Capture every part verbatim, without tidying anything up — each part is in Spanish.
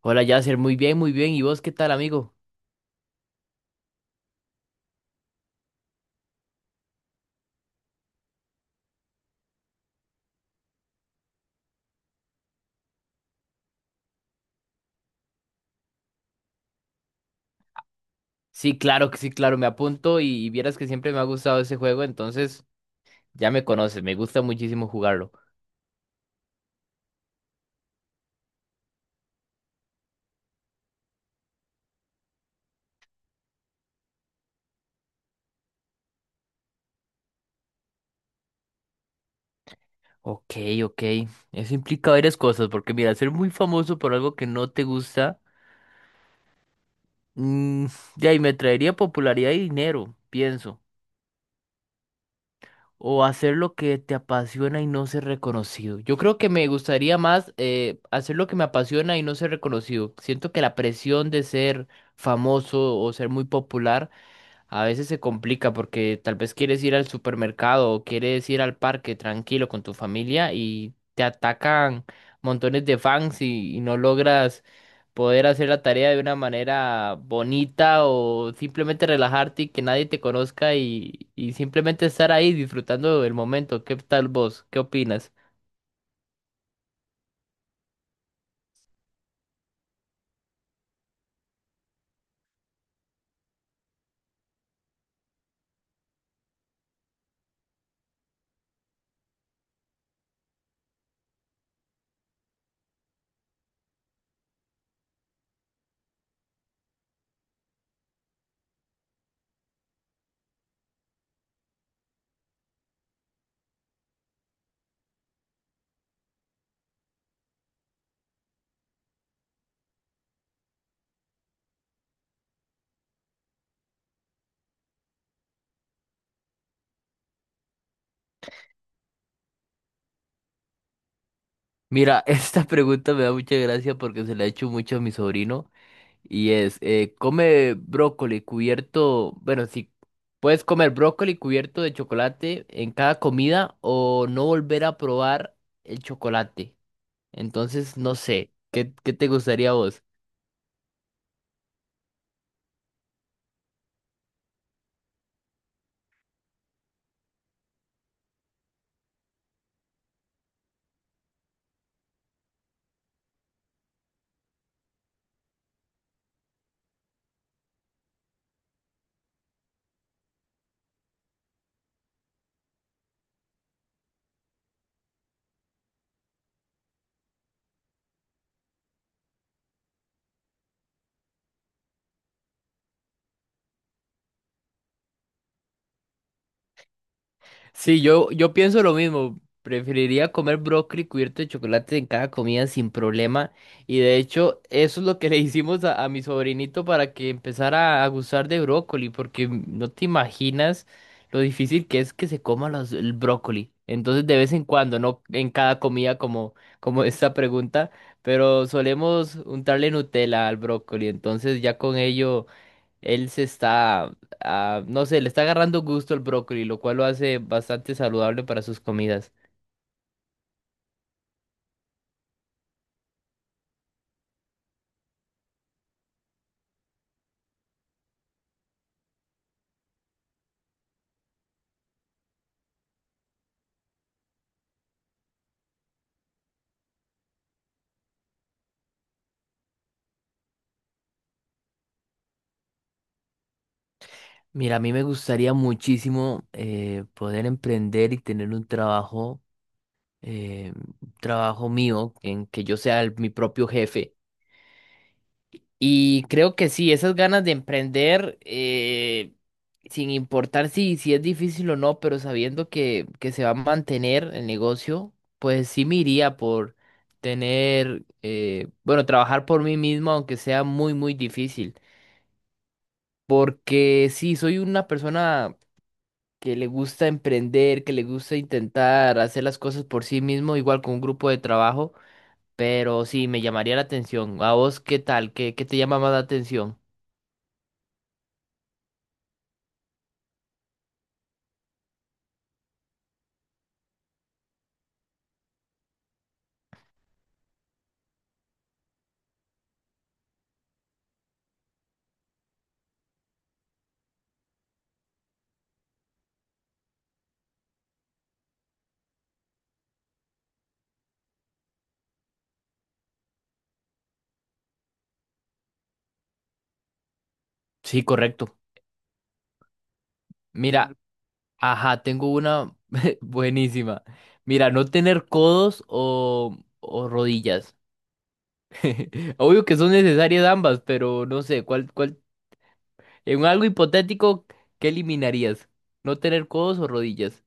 Hola, Yasser, muy bien, muy bien. ¿Y vos qué tal, amigo? Sí, claro que sí, claro, me apunto y, y vieras que siempre me ha gustado ese juego, entonces ya me conoces, me gusta muchísimo jugarlo. Ok, ok. Eso implica varias cosas, porque mira, ser muy famoso por algo que no te gusta, mm, de ahí me traería popularidad y dinero, pienso. O hacer lo que te apasiona y no ser reconocido. Yo creo que me gustaría más eh, hacer lo que me apasiona y no ser reconocido. Siento que la presión de ser famoso o ser muy popular a veces se complica porque tal vez quieres ir al supermercado o quieres ir al parque tranquilo con tu familia y te atacan montones de fans y, y no logras poder hacer la tarea de una manera bonita o simplemente relajarte y que nadie te conozca y, y simplemente estar ahí disfrutando del momento. ¿Qué tal vos? ¿Qué opinas? Mira, esta pregunta me da mucha gracia porque se la he hecho mucho a mi sobrino. Y es, eh, come brócoli cubierto, bueno, si puedes comer brócoli cubierto de chocolate en cada comida o no volver a probar el chocolate. Entonces, no sé, ¿qué, qué te gustaría a vos? Sí, yo, yo pienso lo mismo. Preferiría comer brócoli cubierto de chocolate en cada comida sin problema. Y de hecho, eso es lo que le hicimos a, a mi sobrinito para que empezara a gustar de brócoli, porque no te imaginas lo difícil que es que se coma los, el brócoli. Entonces, de vez en cuando, no en cada comida como, como esta pregunta, pero solemos untarle Nutella al brócoli. Entonces, ya con ello. Él se está, ah, no sé, le está agarrando gusto al brócoli, lo cual lo hace bastante saludable para sus comidas. Mira, a mí me gustaría muchísimo eh, poder emprender y tener un trabajo, eh, un trabajo mío, en que yo sea el- mi propio jefe. Y creo que sí, esas ganas de emprender, eh, sin importar si, si es difícil o no, pero sabiendo que, que se va a mantener el negocio, pues sí me iría por tener, eh, bueno, trabajar por mí mismo, aunque sea muy, muy difícil. Porque sí, soy una persona que le gusta emprender, que le gusta intentar hacer las cosas por sí mismo, igual con un grupo de trabajo, pero sí, me llamaría la atención. ¿A vos qué tal? ¿Qué, qué te llama más la atención? Sí, correcto. Mira, ajá, tengo una buenísima. Mira, no tener codos o, o rodillas. Obvio que son necesarias ambas, pero no sé, ¿cuál, cuál? En algo hipotético, ¿qué eliminarías? ¿No tener codos o rodillas?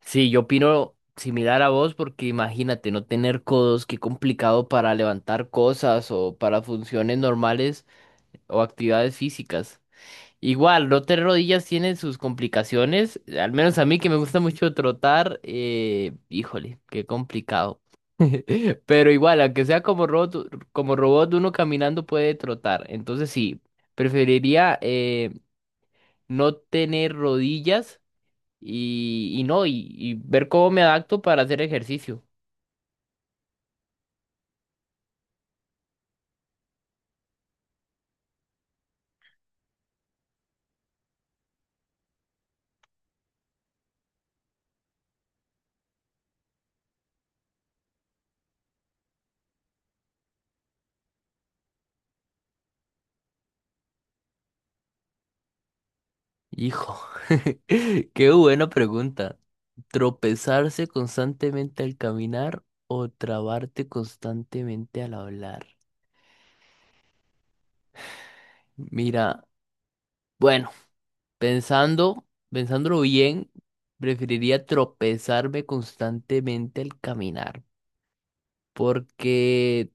Sí, yo opino similar a vos porque imagínate, no tener codos, qué complicado para levantar cosas o para funciones normales o actividades físicas. Igual, rotar rodillas tiene sus complicaciones, al menos a mí que me gusta mucho trotar, eh, híjole, qué complicado. Pero igual, aunque sea como robot, como robot, uno caminando puede trotar. Entonces sí, preferiría eh, no tener rodillas y, y no, y, y ver cómo me adapto para hacer ejercicio. Hijo, qué buena pregunta. ¿Tropezarse constantemente al caminar o trabarte constantemente al hablar? Mira, bueno, pensando, pensándolo bien, preferiría tropezarme constantemente al caminar, porque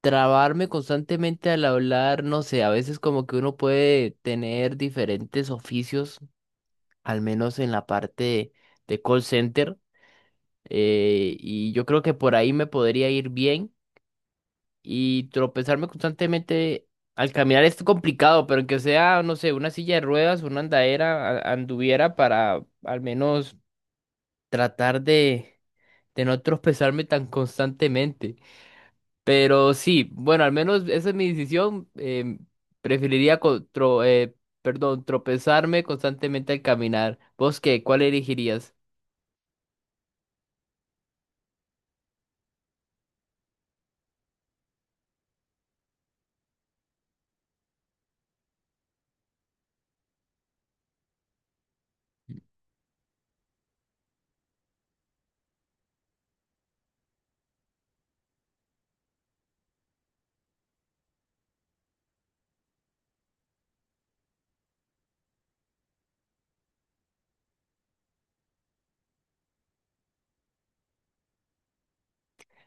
trabarme constantemente al hablar, no sé, a veces como que uno puede tener diferentes oficios, al menos en la parte de call center, eh, y yo creo que por ahí me podría ir bien y tropezarme constantemente al caminar es complicado, pero que sea, no sé, una silla de ruedas, una andadera, a- anduviera para al menos tratar de, de no tropezarme tan constantemente. Pero sí, bueno, al menos esa es mi decisión. Em, preferiría co- tro- eh, perdón, tropezarme constantemente al caminar. ¿Vos qué? ¿Cuál elegirías?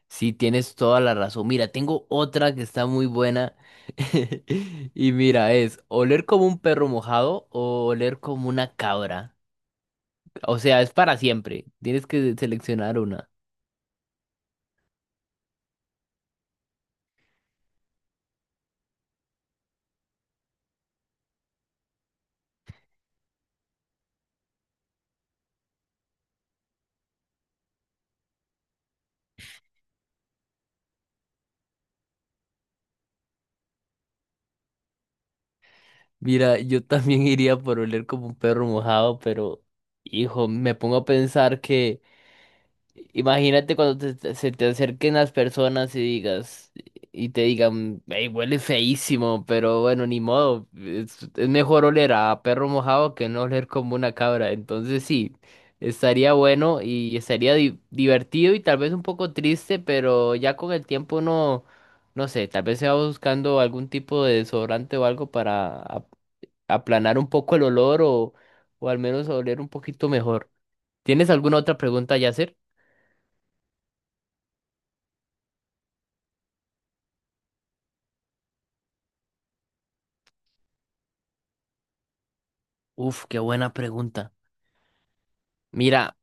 Sí, tienes toda la razón. Mira, tengo otra que está muy buena. Y mira, es oler como un perro mojado o oler como una cabra. O sea, es para siempre. Tienes que seleccionar una. Mira, yo también iría por oler como un perro mojado, pero hijo, me pongo a pensar que imagínate cuando te- te- se te acerquen las personas y digas, y te digan, hey, huele feísimo, pero bueno, ni modo, es, es mejor oler a perro mojado que no oler como una cabra. Entonces sí, estaría bueno y estaría di- divertido y tal vez un poco triste, pero ya con el tiempo no, no sé, tal vez se va buscando algún tipo de desodorante o algo para a- aplanar un poco el olor o, o al menos oler un poquito mejor. ¿Tienes alguna otra pregunta, Yasser? Uf, qué buena pregunta. Mira,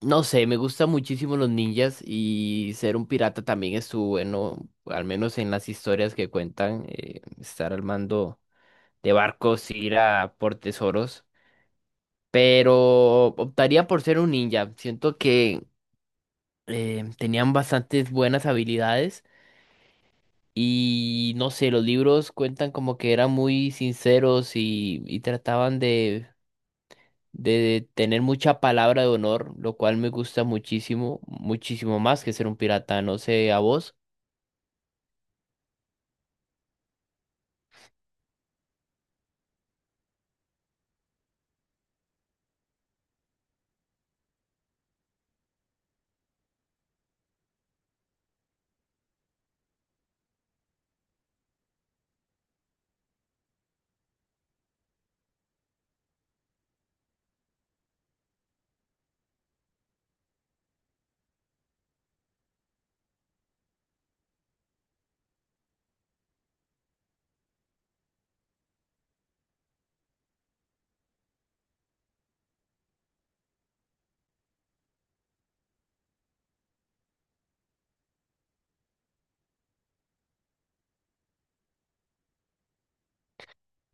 no sé, me gustan muchísimo los ninjas y ser un pirata también estuvo bueno, al menos en las historias que cuentan, eh, estar al mando de barcos, ir a por tesoros, pero optaría por ser un ninja. Siento que eh, tenían bastantes buenas habilidades y no sé, los libros cuentan como que eran muy sinceros y, y trataban de de tener mucha palabra de honor, lo cual me gusta muchísimo, muchísimo más que ser un pirata, no sé, a vos.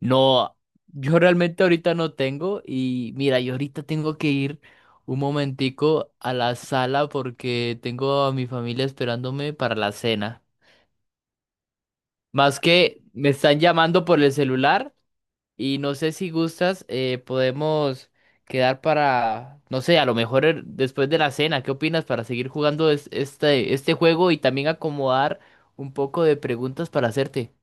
No, yo realmente ahorita no tengo y mira, yo ahorita tengo que ir un momentico a la sala porque tengo a mi familia esperándome para la cena. Más que me están llamando por el celular. Y no sé si gustas, eh, podemos quedar para, no sé, a lo mejor er- después de la cena, ¿qué opinas para seguir jugando es- este, este juego y también acomodar un poco de preguntas para hacerte?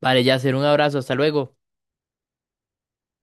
Vale, ya hacer un abrazo, hasta luego.